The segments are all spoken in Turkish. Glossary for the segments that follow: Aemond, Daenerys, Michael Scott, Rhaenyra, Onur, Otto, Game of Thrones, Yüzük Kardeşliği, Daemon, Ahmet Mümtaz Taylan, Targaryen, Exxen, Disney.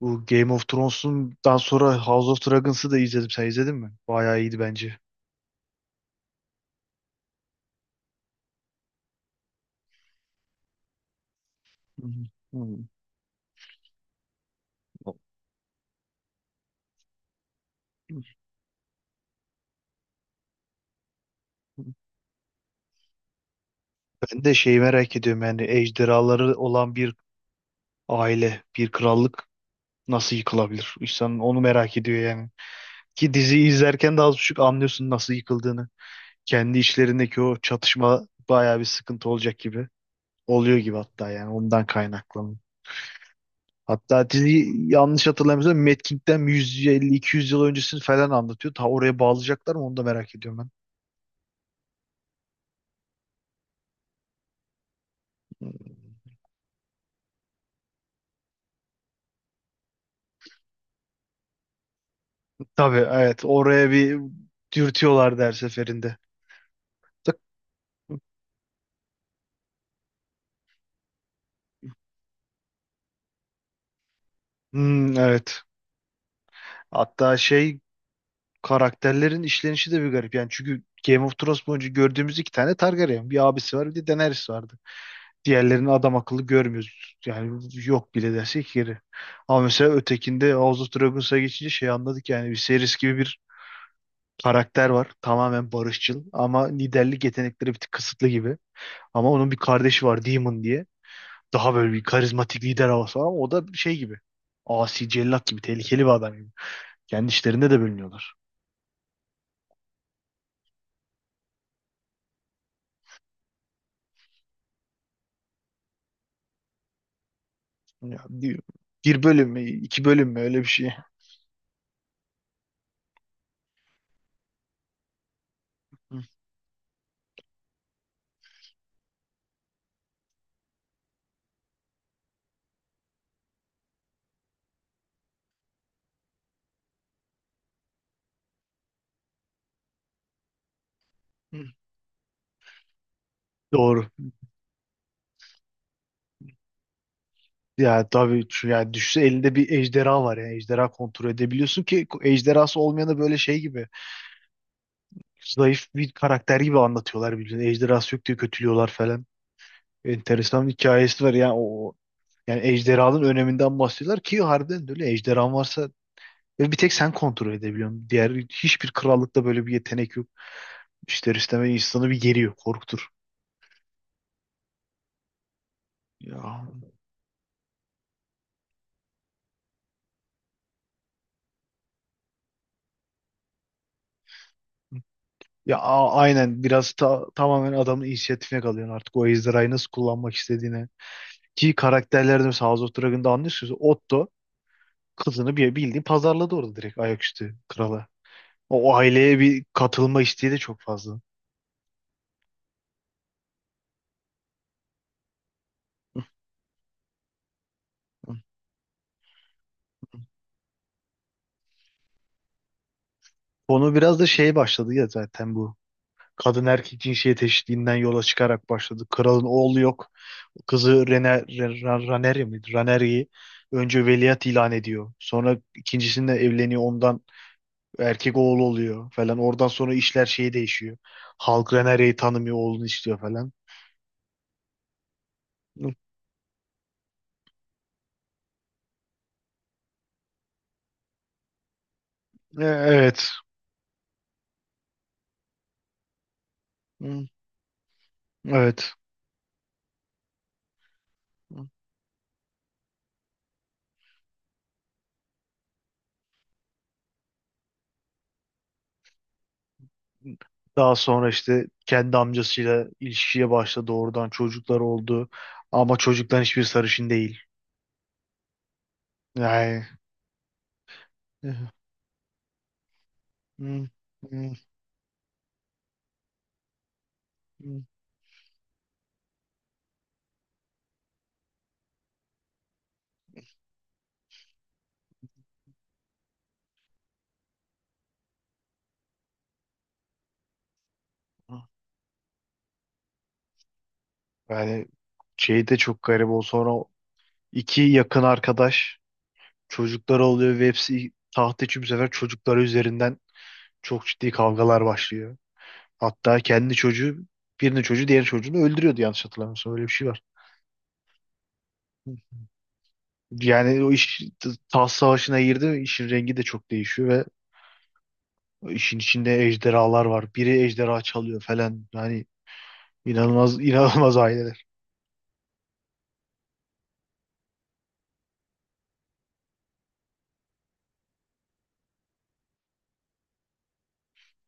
Bu Game of Thrones'undan sonra House of Dragons'ı da izledim. Sen izledin mi? Bayağı iyiydi bence. Hı hı. Hı. Ben de şeyi merak ediyorum, yani ejderhaları olan bir aile, bir krallık nasıl yıkılabilir? İnsan onu merak ediyor yani. Ki diziyi izlerken de az buçuk anlıyorsun nasıl yıkıldığını. Kendi içlerindeki o çatışma bayağı bir sıkıntı olacak gibi. Oluyor gibi hatta, yani ondan kaynaklı. Hatta dizi, yanlış hatırlamıyorsam, Mad King'den 150-200 yıl öncesini falan anlatıyor. Ta oraya bağlayacaklar mı, onu da merak ediyorum ben. Tabii, evet, oraya bir dürtüyorlardı her seferinde. Tık. Hmm, evet. Hatta karakterlerin işlenişi de bir garip. Yani çünkü Game of Thrones boyunca gördüğümüz iki tane Targaryen. Bir abisi var, bir de Daenerys vardı. Diğerlerini adam akıllı görmüyoruz. Yani yok bile dersek yeri. Ama mesela ötekinde House of Dragons'a geçince anladık, yani bir series gibi bir karakter var. Tamamen barışçıl ama liderlik yetenekleri bir tık kısıtlı gibi. Ama onun bir kardeşi var, Demon diye. Daha böyle bir karizmatik lider havası var ama o da şey gibi. Asi cellat gibi, tehlikeli bir adam gibi. Kendi işlerinde de bölünüyorlar. Ya, bir bölüm mü, iki bölüm mü, öyle bir şey. Hı, hı. Doğru. Ya tabii şu, yani düşse elinde bir ejderha var, yani ejderha kontrol edebiliyorsun, ki ejderhası olmayanı böyle şey gibi, zayıf bir karakter gibi anlatıyorlar birbirine. Ejderhası yok diye kötülüyorlar falan. Enteresan bir hikayesi var. Yani yani ejderhanın öneminden bahsediyorlar, ki harbiden de öyle, ejderhan varsa ve bir tek sen kontrol edebiliyorsun. Diğer hiçbir krallıkta böyle bir yetenek yok. İster istemez insanı bir geriyor, korkutur. Ya aynen, biraz tamamen adamın inisiyatifine kalıyorsun artık, o ejderhayı nasıl kullanmak istediğine. Ki karakterlerde mesela House of Dragon'da anlıyorsunuz, Otto kızını bir bildiğin pazarladı orada, direkt ayaküstü krala. O aileye bir katılma isteği de çok fazla. Konu biraz da başladı ya zaten bu. Kadın erkek cinsiyet eşitliğinden yola çıkarak başladı. Kralın oğlu yok. Kızı Raneri mi? Raneri'yi önce veliaht ilan ediyor. Sonra ikincisinde evleniyor, ondan erkek oğlu oluyor falan. Oradan sonra işler değişiyor. Halk Raneri'yi tanımıyor, oğlunu istiyor falan. Evet. Hı, evet. Daha sonra işte kendi amcasıyla ilişkiye başladı. Oradan çocuklar oldu. Ama çocukların hiçbir sarışın değil. Yani Hmm, hmm, hmm. Yani şey de çok garip, o sonra o iki yakın arkadaş çocuklar oluyor ve hepsi taht için bu sefer çocukları üzerinden çok ciddi kavgalar başlıyor. Hatta kendi çocuğu, birinin çocuğu diğer çocuğunu öldürüyordu yanlış hatırlamıyorsam, öyle bir şey var. Yani o iş taht savaşına girdi, işin rengi de çok değişiyor ve işin içinde ejderhalar var. Biri ejderha çalıyor falan. Yani inanılmaz, inanılmaz aileler.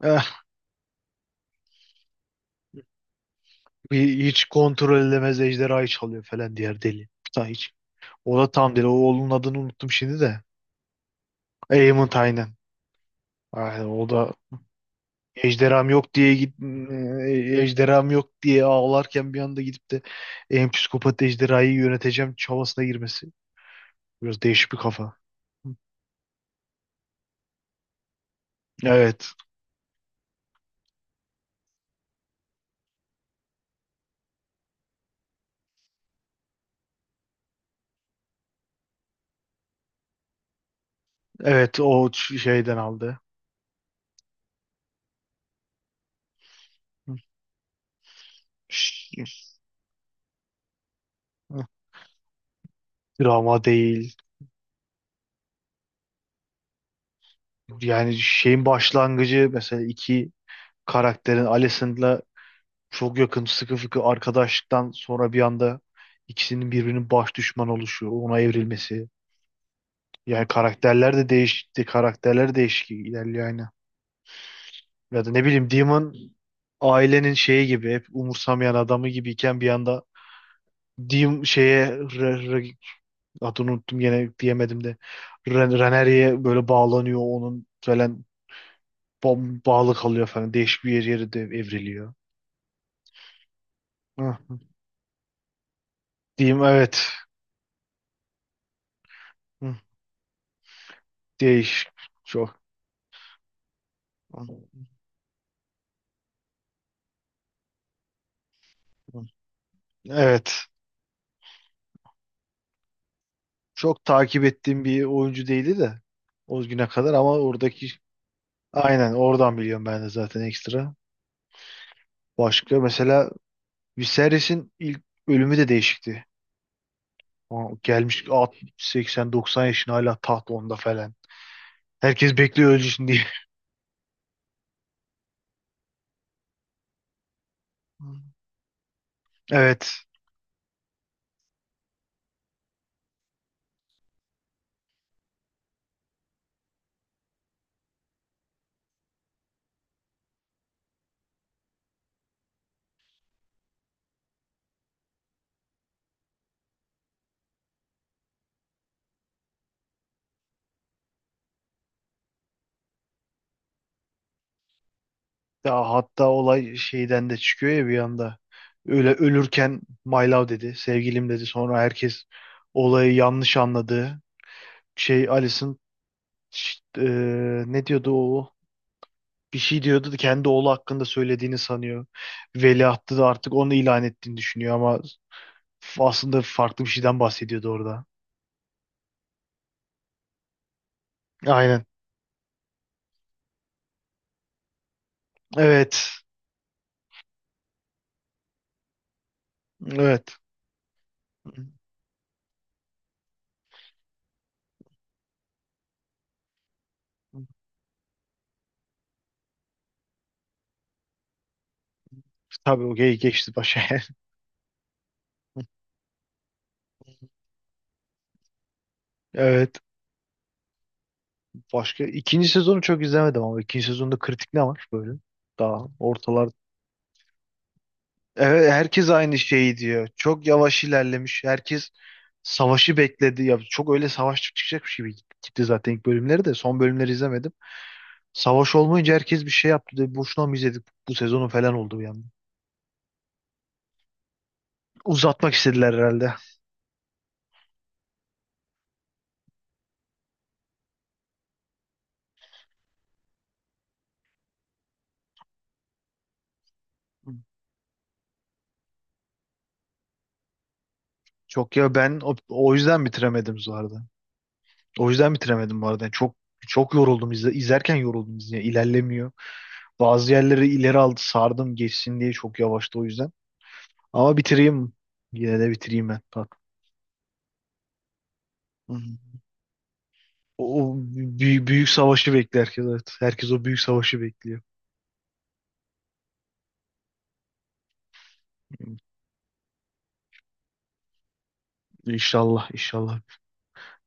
Hiç kontrol edemez, ejderhayı çalıyor falan diğer deli. Ta hiç. O da tam deli. O oğlunun adını unuttum şimdi de. Aemond, aynen. Aynen o da ejderham yok diye ağlarken bir anda gidip de en psikopat ejderhayı yöneteceğim çabasına girmesi. Biraz değişik bir kafa. Evet. Evet, o şeyden aldı. Ş- Drama değil. Yani şeyin başlangıcı, mesela iki karakterin, Alicent'la çok yakın sıkı fıkı arkadaşlıktan sonra bir anda ikisinin birbirinin baş düşman oluşu, ona evrilmesi. Yani karakterler de değişti, karakterler değişik ilerliyor aynı. Ya da ne bileyim, Demon ailenin şeyi gibi, hep umursamayan adamı gibiyken bir anda Dim şeye re, re- adını unuttum gene, diyemedim de, Reneri'ye böyle bağlanıyor onun falan, bağlı kalıyor falan, değişik bir yeri de evriliyor. Hı, hı. Evet. Hı, değişik çok. Hı, hı. Evet. Çok takip ettiğim bir oyuncu değildi de o güne kadar, ama oradaki, aynen oradan biliyorum ben de zaten ekstra. Başka, mesela Viserys'in ilk ölümü de değişikti. O gelmiş 80-90 yaşına, hala taht onda falan. Herkes bekliyor ölsün diye. Hmm. Evet. Ya hatta olay şeyden de çıkıyor ya bir anda. Öyle ölürken "my love" dedi, "sevgilim" dedi. Sonra herkes olayı yanlış anladı. Alison. Ne diyordu o? Bir şey diyordu da kendi oğlu hakkında söylediğini sanıyor. Veliahtı da artık onu ilan ettiğini düşünüyor ama aslında farklı bir şeyden bahsediyordu orada. Aynen. Evet. Evet. Tabii, okey geçti başa. Evet. Başka, ikinci sezonu çok izlemedim ama ikinci sezonda kritik ne var böyle? Daha. Evet, herkes aynı şeyi diyor. Çok yavaş ilerlemiş. Herkes savaşı bekledi. Ya çok öyle savaş çıkacakmış gibi gitti gitti zaten ilk bölümleri de. Son bölümleri izlemedim. Savaş olmayınca herkes bir şey yaptı. Dedi, boşuna mı izledik bu sezonu falan oldu bir anda. Uzatmak istediler herhalde. Çok ya, ben o yüzden bitiremedim bu arada. O yüzden bitiremedim bu arada. Yani çok çok yoruldum, izlerken yoruldum, ilerlemiyor. Bazı yerleri ileri aldı sardım geçsin diye, çok yavaştı o yüzden. Ama bitireyim. Yine de bitireyim ben. Bak. O büyük, büyük savaşı bekliyor herkes. Evet. Herkes o büyük savaşı bekliyor. İnşallah, inşallah.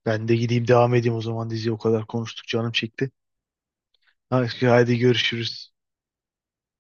Ben de gideyim, devam edeyim o zaman diziyi, o kadar konuştuk canım çekti. Hadi, hadi görüşürüz.